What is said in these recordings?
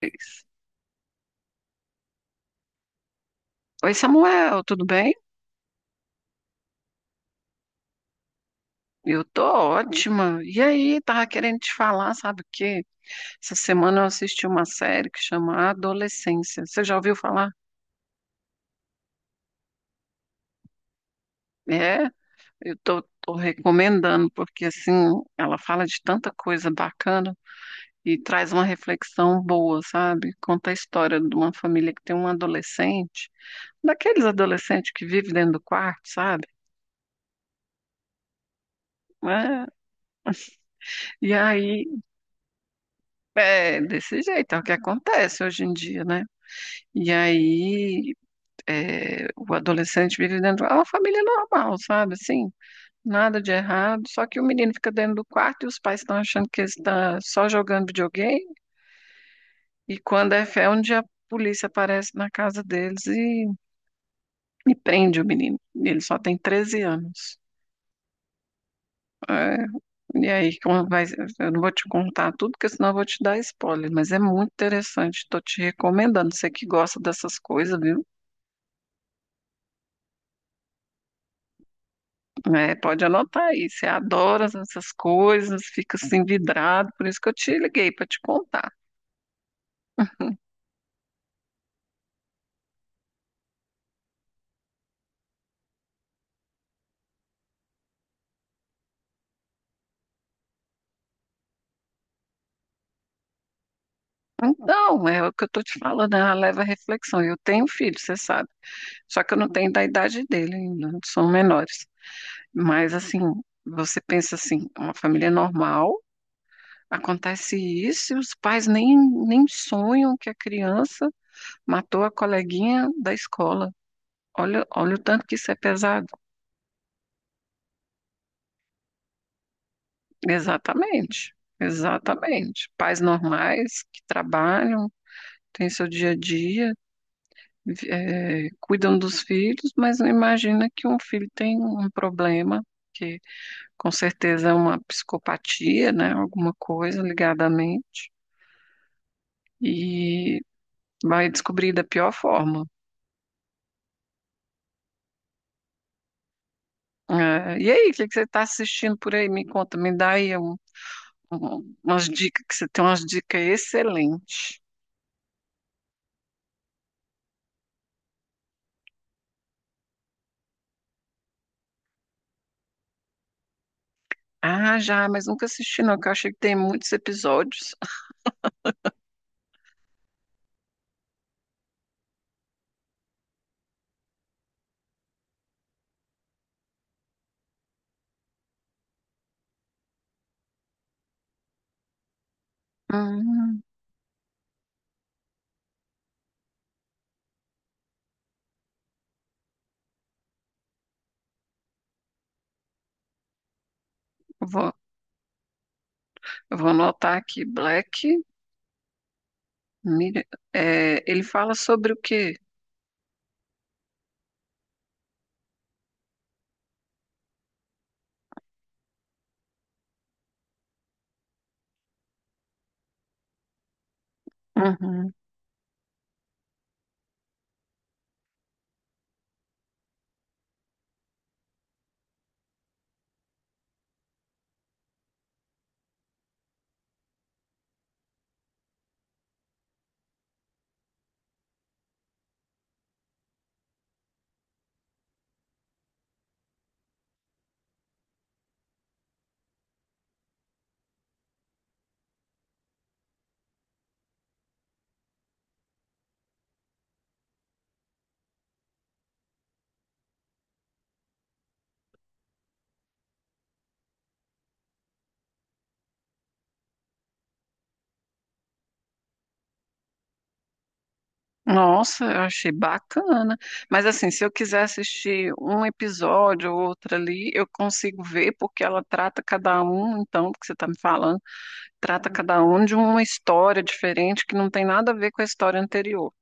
Fez. Oi, Samuel, tudo bem? Eu tô ótima. E aí, tava querendo te falar, sabe o quê? Essa semana eu assisti uma série que chama Adolescência. Você já ouviu falar? É, eu tô recomendando, porque assim, ela fala de tanta coisa bacana e traz uma reflexão boa, sabe? Conta a história de uma família que tem um adolescente, daqueles adolescentes que vivem dentro do quarto, sabe? É. E aí, é desse jeito, é o que acontece hoje em dia, né? E aí, é, o adolescente vive dentro de uma família normal, sabe? Assim, nada de errado. Só que o menino fica dentro do quarto e os pais estão achando que ele está só jogando videogame. E quando é fé, um dia a polícia aparece na casa deles e prende o menino. E ele só tem 13 anos. É, e aí, como vai, eu não vou te contar tudo, porque senão eu vou te dar spoiler. Mas é muito interessante. Estou te recomendando. Você que gosta dessas coisas, viu? É, pode anotar aí. Você adora essas coisas, fica assim vidrado, por isso que eu te liguei para te contar. Então, é o que eu tô te falando, ela leva à reflexão. Eu tenho filho, você sabe. Só que eu não tenho da idade dele ainda, são menores. Mas assim, você pensa assim, uma família normal, acontece isso e os pais nem sonham que a criança matou a coleguinha da escola. Olha, olha o tanto que isso é pesado. Exatamente, exatamente. Pais normais que trabalham, têm seu dia a dia, cuidam dos filhos, mas não imagina que um filho tem um problema, que com certeza é uma psicopatia, né? Alguma coisa ligada à mente, e vai descobrir da pior forma. E aí, o que que você está assistindo por aí? Me conta, me dá aí umas dicas, que você tem umas dicas excelentes. Ah, já, mas nunca assisti não, que eu achei que tem muitos episódios. Hum, vou, eu vou anotar aqui, Black Mirror. É, ele fala sobre o quê? Uhum. Nossa, eu achei bacana. Mas assim, se eu quiser assistir um episódio ou outro ali, eu consigo ver, porque ela trata cada um, então, porque você está me falando, trata cada um de uma história diferente que não tem nada a ver com a história anterior.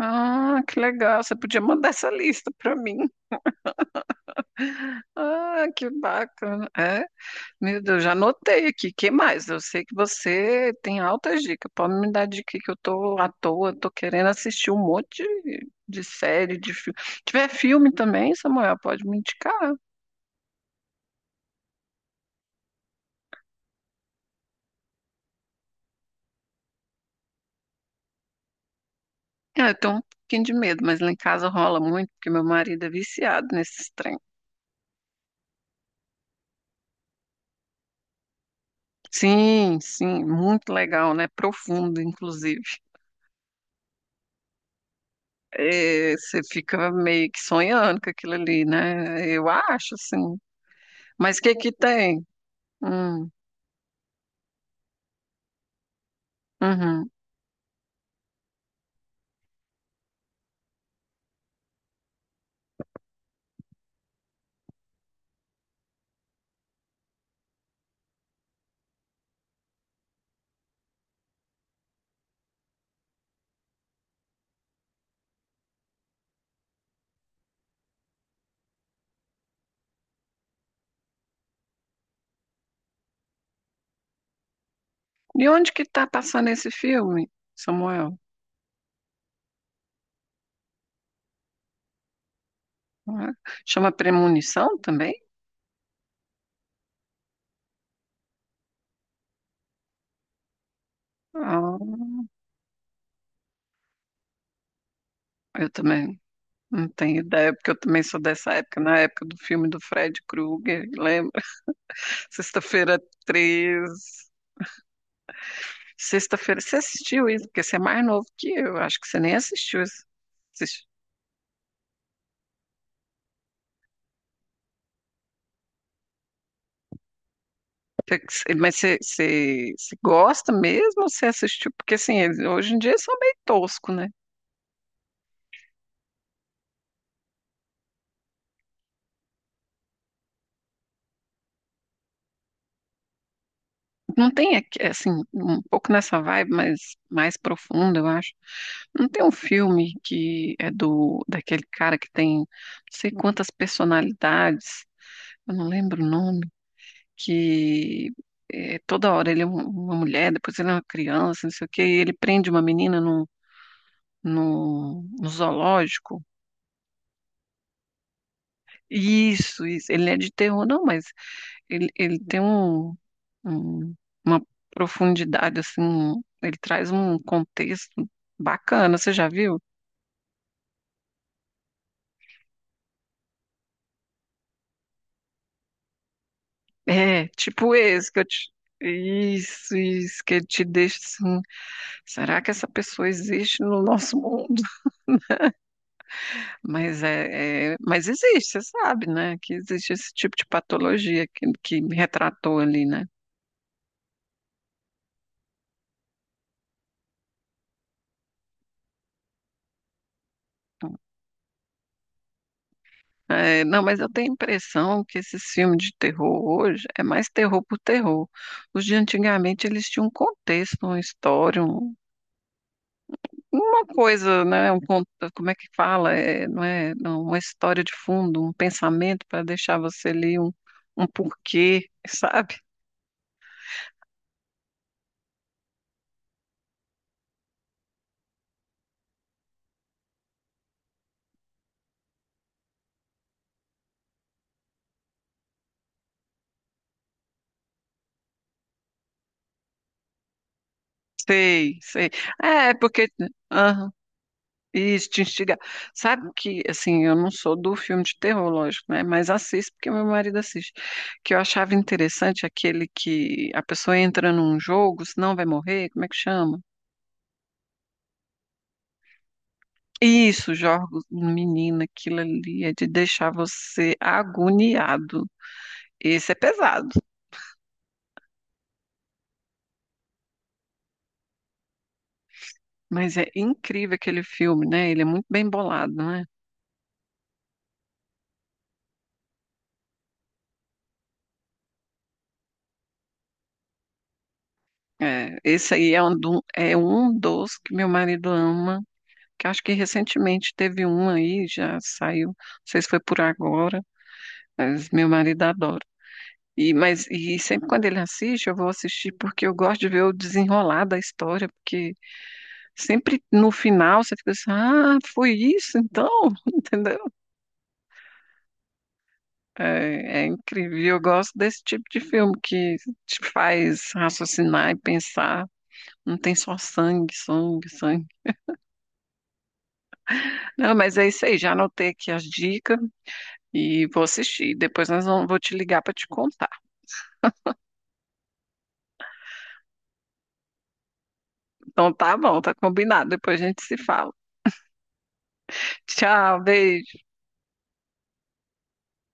Ah, que legal. Você podia mandar essa lista para mim. Ah, que bacana. É, meu Deus, já anotei aqui. Que mais? Eu sei que você tem altas dicas. Pode me dar dica que eu tô à toa, tô querendo assistir um monte de série, de filme. Se tiver filme também, Samuel, pode me indicar. Ah, eu tenho um pouquinho de medo, mas lá em casa rola muito, porque meu marido é viciado nesses trem. Sim, sim, muito legal, né? Profundo, inclusive. É, você fica meio que sonhando com aquilo ali, né? Eu acho, assim. Mas o que que tem? Hum, uhum. E onde que tá passando esse filme, Samuel? Ah, chama Premonição também? Ah, eu também não tenho ideia, porque eu também sou dessa época, na época do filme do Fred Krueger, lembra? Sexta-feira 13. Sexta-feira, você assistiu isso? Porque você é mais novo que eu, acho que você nem assistiu isso. Assisti- Mas você gosta mesmo ou você assistiu? Porque assim, hoje em dia eles são meio tosco, né? Não tem, aqui, assim, um pouco nessa vibe, mas mais profunda, eu acho. Não tem um filme que é do daquele cara que tem não sei quantas personalidades, eu não lembro o nome, que é, toda hora ele é uma mulher, depois ele é uma criança, não sei o quê, e ele prende uma menina no zoológico. Isso, ele é de terror, não, mas ele tem um- uma profundidade, assim, ele traz um contexto bacana, você já viu? É, tipo esse que eu te. Isso, que ele te deixa assim. Será que essa pessoa existe no nosso mundo? Mas mas existe, você sabe, né? Que existe esse tipo de patologia que me retratou ali, né? É, não, mas eu tenho a impressão que esses filmes de terror hoje é mais terror por terror. Os de antigamente eles tinham um contexto, uma história, uma coisa, né? Como é que fala? É, não, uma história de fundo, um pensamento para deixar você ali um porquê, sabe? Sei, sei. É, porque. Isso, te instigar. Sabe que, assim, eu não sou do filme de terror, lógico, né? Mas assisto porque meu marido assiste. Que eu achava interessante é aquele que a pessoa entra num jogo, senão vai morrer, como é que chama? Isso, jogos, menina, aquilo ali é de deixar você agoniado. Esse é pesado, mas é incrível aquele filme, né? Ele é muito bem bolado, né? É, esse aí é um, é um dos que meu marido ama, que acho que recentemente teve um aí, já saiu, não sei se foi por agora, mas meu marido adora. E, mas, e sempre quando ele assiste, eu vou assistir porque eu gosto de ver o desenrolar da história, porque sempre no final você fica assim, ah, foi isso então, entendeu? É, é incrível. E eu gosto desse tipo de filme que te faz raciocinar e pensar, não tem só sangue, sangue, sangue. Não, mas é isso aí, já anotei aqui as dicas, e vou assistir. Depois nós vamos, vou te ligar para te contar. Então tá bom, tá combinado. Depois a gente se fala. Tchau, beijo.